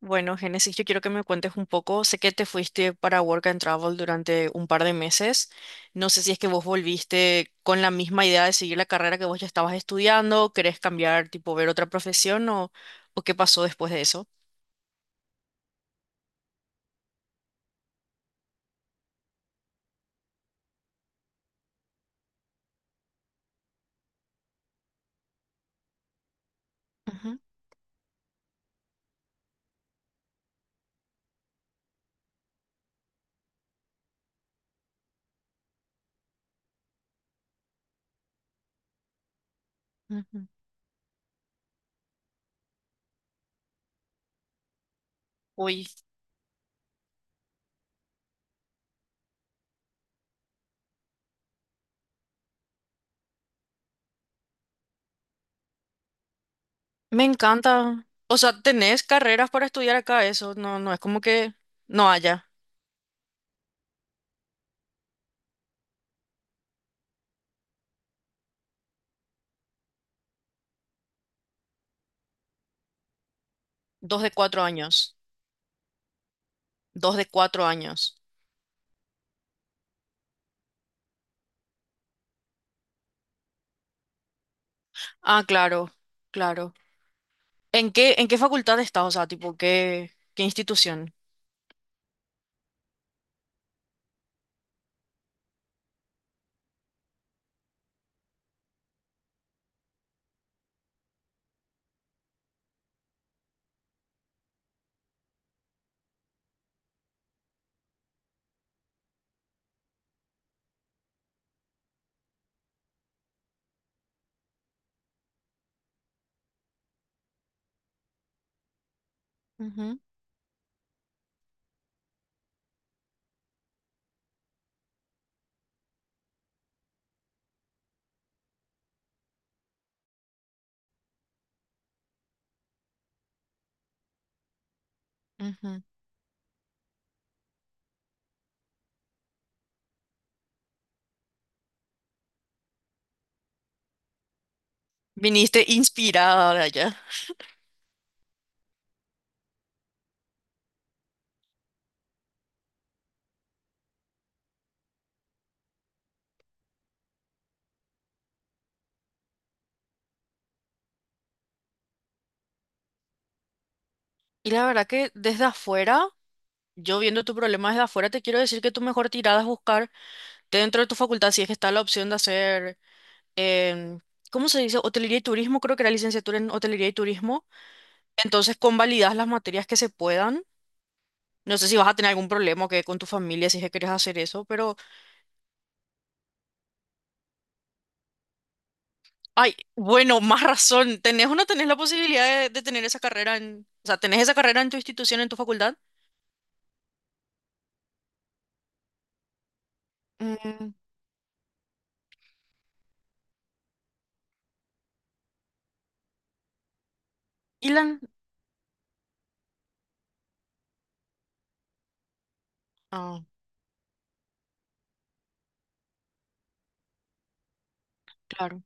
Bueno, Génesis, yo quiero que me cuentes un poco. Sé que te fuiste para Work and Travel durante un par de meses. No sé si es que vos volviste con la misma idea de seguir la carrera que vos ya estabas estudiando, querés cambiar, tipo, ver otra profesión o qué pasó después de eso. Ujú, ujú. Uy, me encanta. O sea, tenés carreras para estudiar acá, eso no, no es como que no haya. Dos de cuatro años. Dos de cuatro años. Ah, claro, claro. ¿En qué facultad estás? O sea, tipo, ¿qué institución? Ujú, ujú. Viniste inspirada ahora ya. Y la verdad que desde afuera, yo viendo tu problema desde afuera, te quiero decir que tu mejor tirada es buscar dentro de tu facultad, si es que está la opción de hacer, em, ¿cómo se dice? Hotelería y turismo, creo que era licenciatura en hotelería y turismo. Entonces, convalidas las materias que se puedan. No sé si vas a tener algún problema que con tu familia si es que quieres hacer eso, pero, ay, bueno, más razón. ¿Tenés o no tenés la posibilidad de tener esa carrera en, o sea, tenés esa carrera en tu institución, en tu facultad? Mm, y la ah, claro.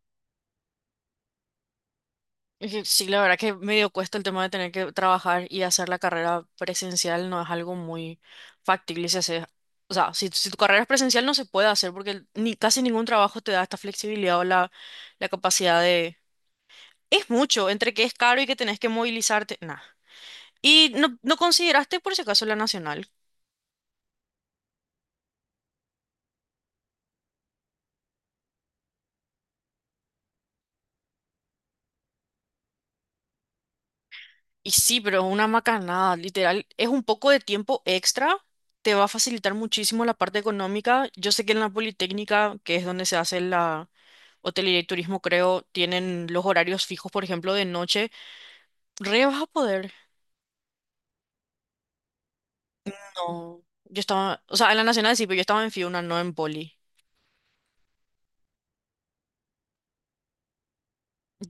Es que sí, la verdad que medio cuesta el tema de tener que trabajar y hacer la carrera presencial no es algo muy factible O sea, si tu carrera es presencial no se puede hacer porque el- ni casi ningún trabajo te da esta flexibilidad o la capacidad de... Es mucho, entre que es caro y que tenés que movilizarte. Nada y no, no consideraste por si acaso la Nacional. Y sí, pero una macanada, literal, es un poco de tiempo extra te va a facilitar muchísimo la parte económica. Yo sé que en la Politécnica, que es donde se hace la, hotelería y turismo, creo, tienen los horarios fijos, por ejemplo, de noche. Re vas a poder. No, yo estaba, o sea, en la Nacional sí, pero yo estaba en Fiuna, no en Poli.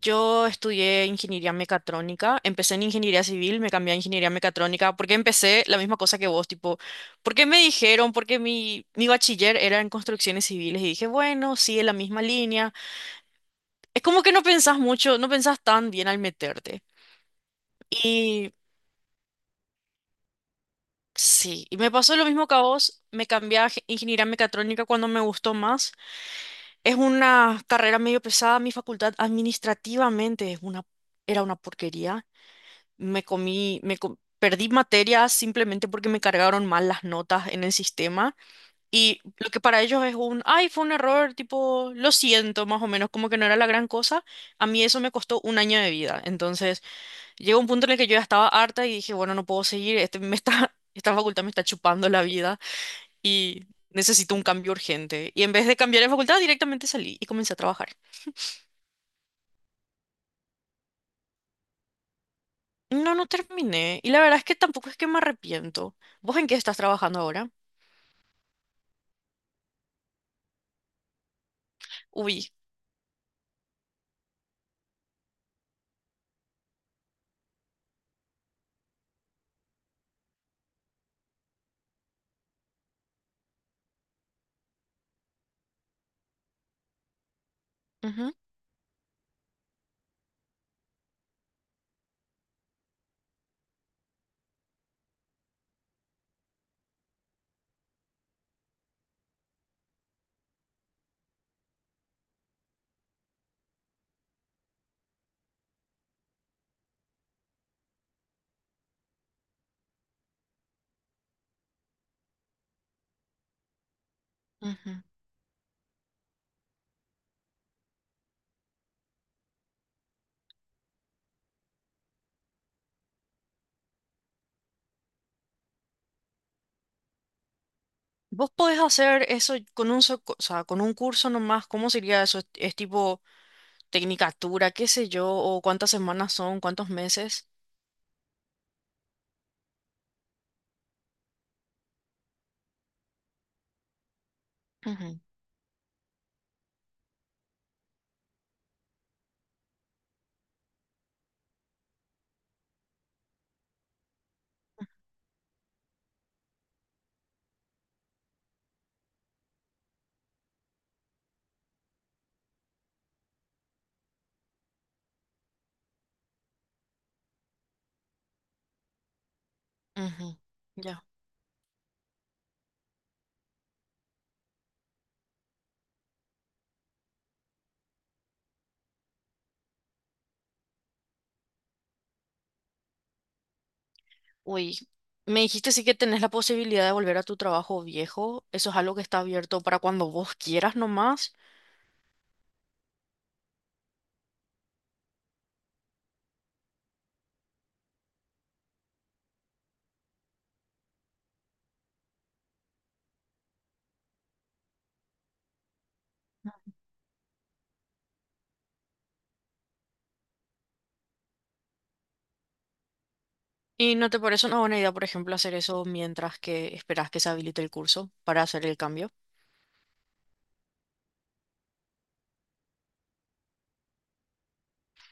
Yo estudié ingeniería mecatrónica, empecé en ingeniería civil, me cambié a ingeniería mecatrónica, porque empecé la misma cosa que vos, tipo, porque me dijeron, porque mi bachiller era en construcciones civiles y dije, bueno, sí, es la misma línea. Es como que no pensás mucho, no pensás tan bien al meterte. Y sí, y me pasó lo mismo que a vos, me cambié a ingeniería mecatrónica cuando me gustó más. Es una carrera medio pesada, mi facultad administrativamente es una, era una porquería. Me comí, perdí materias simplemente porque me cargaron mal las notas en el sistema. Y lo que para ellos es un, ay, fue un error, tipo, lo siento, más o menos, como que no era la gran cosa. A mí eso me costó un año de vida. Entonces, llegó un punto en el que yo ya estaba harta y dije, bueno, no puedo seguir, este me está, esta facultad me está chupando la vida y necesito un cambio urgente. Y en vez de cambiar de facultad, directamente salí y comencé a trabajar. No, no terminé. Y la verdad es que tampoco es que me arrepiento. ¿Vos en qué estás trabajando ahora? Uy. Ujú, ujú. ¿Vos podés hacer eso con un, o sea, con un curso nomás? ¿Cómo sería eso? Es tipo tecnicatura, qué sé yo? ¿O cuántas semanas son? ¿Cuántos meses? Ujú, ujú. Ya. Uy. Me dijiste sí que tenés la posibilidad de volver a tu trabajo viejo. Eso es algo que está abierto para cuando vos quieras nomás. ¿Y no te parece una buena idea, por ejemplo, hacer eso mientras que esperas que se habilite el curso para hacer el cambio?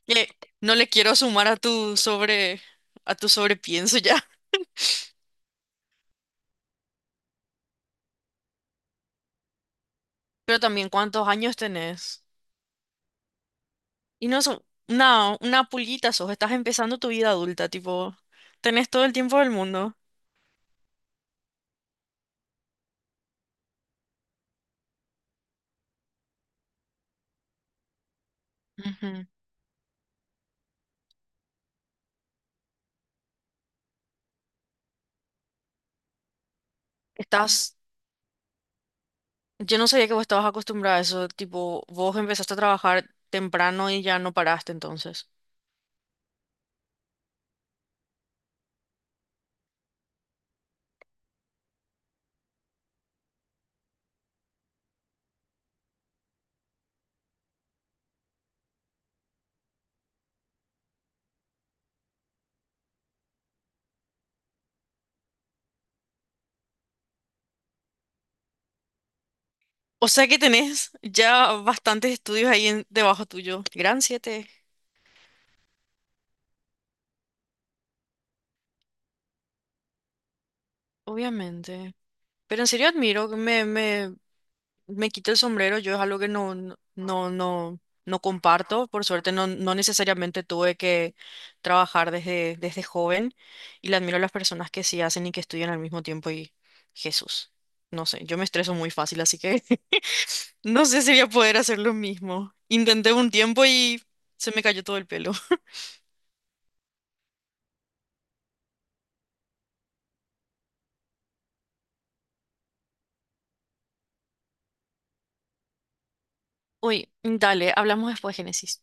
Eh, no le quiero sumar a tu sobrepienso ya. Pero también, ¿cuántos años tenés? Y no son, no, una pulguita sos, estás empezando tu vida adulta, tipo, tenés todo el tiempo del mundo. Ujú. Estás, yo no sabía que vos estabas acostumbrada a eso, tipo, vos empezaste a trabajar temprano y ya no paraste entonces. O sea que tenés ya bastantes estudios ahí debajo tuyo. Gran 7, obviamente. Pero en serio admiro, que me quito el sombrero. Yo es algo que no, no, no, no no comparto. Por suerte no, no necesariamente tuve que trabajar desde joven. Y le admiro a las personas que sí hacen y que estudian al mismo tiempo. Y Jesús, no sé, yo me estreso muy fácil, así que no sé si voy a poder hacer lo mismo. Intenté un tiempo y se me cayó todo el pelo. Uy, dale, hablamos después, Génesis.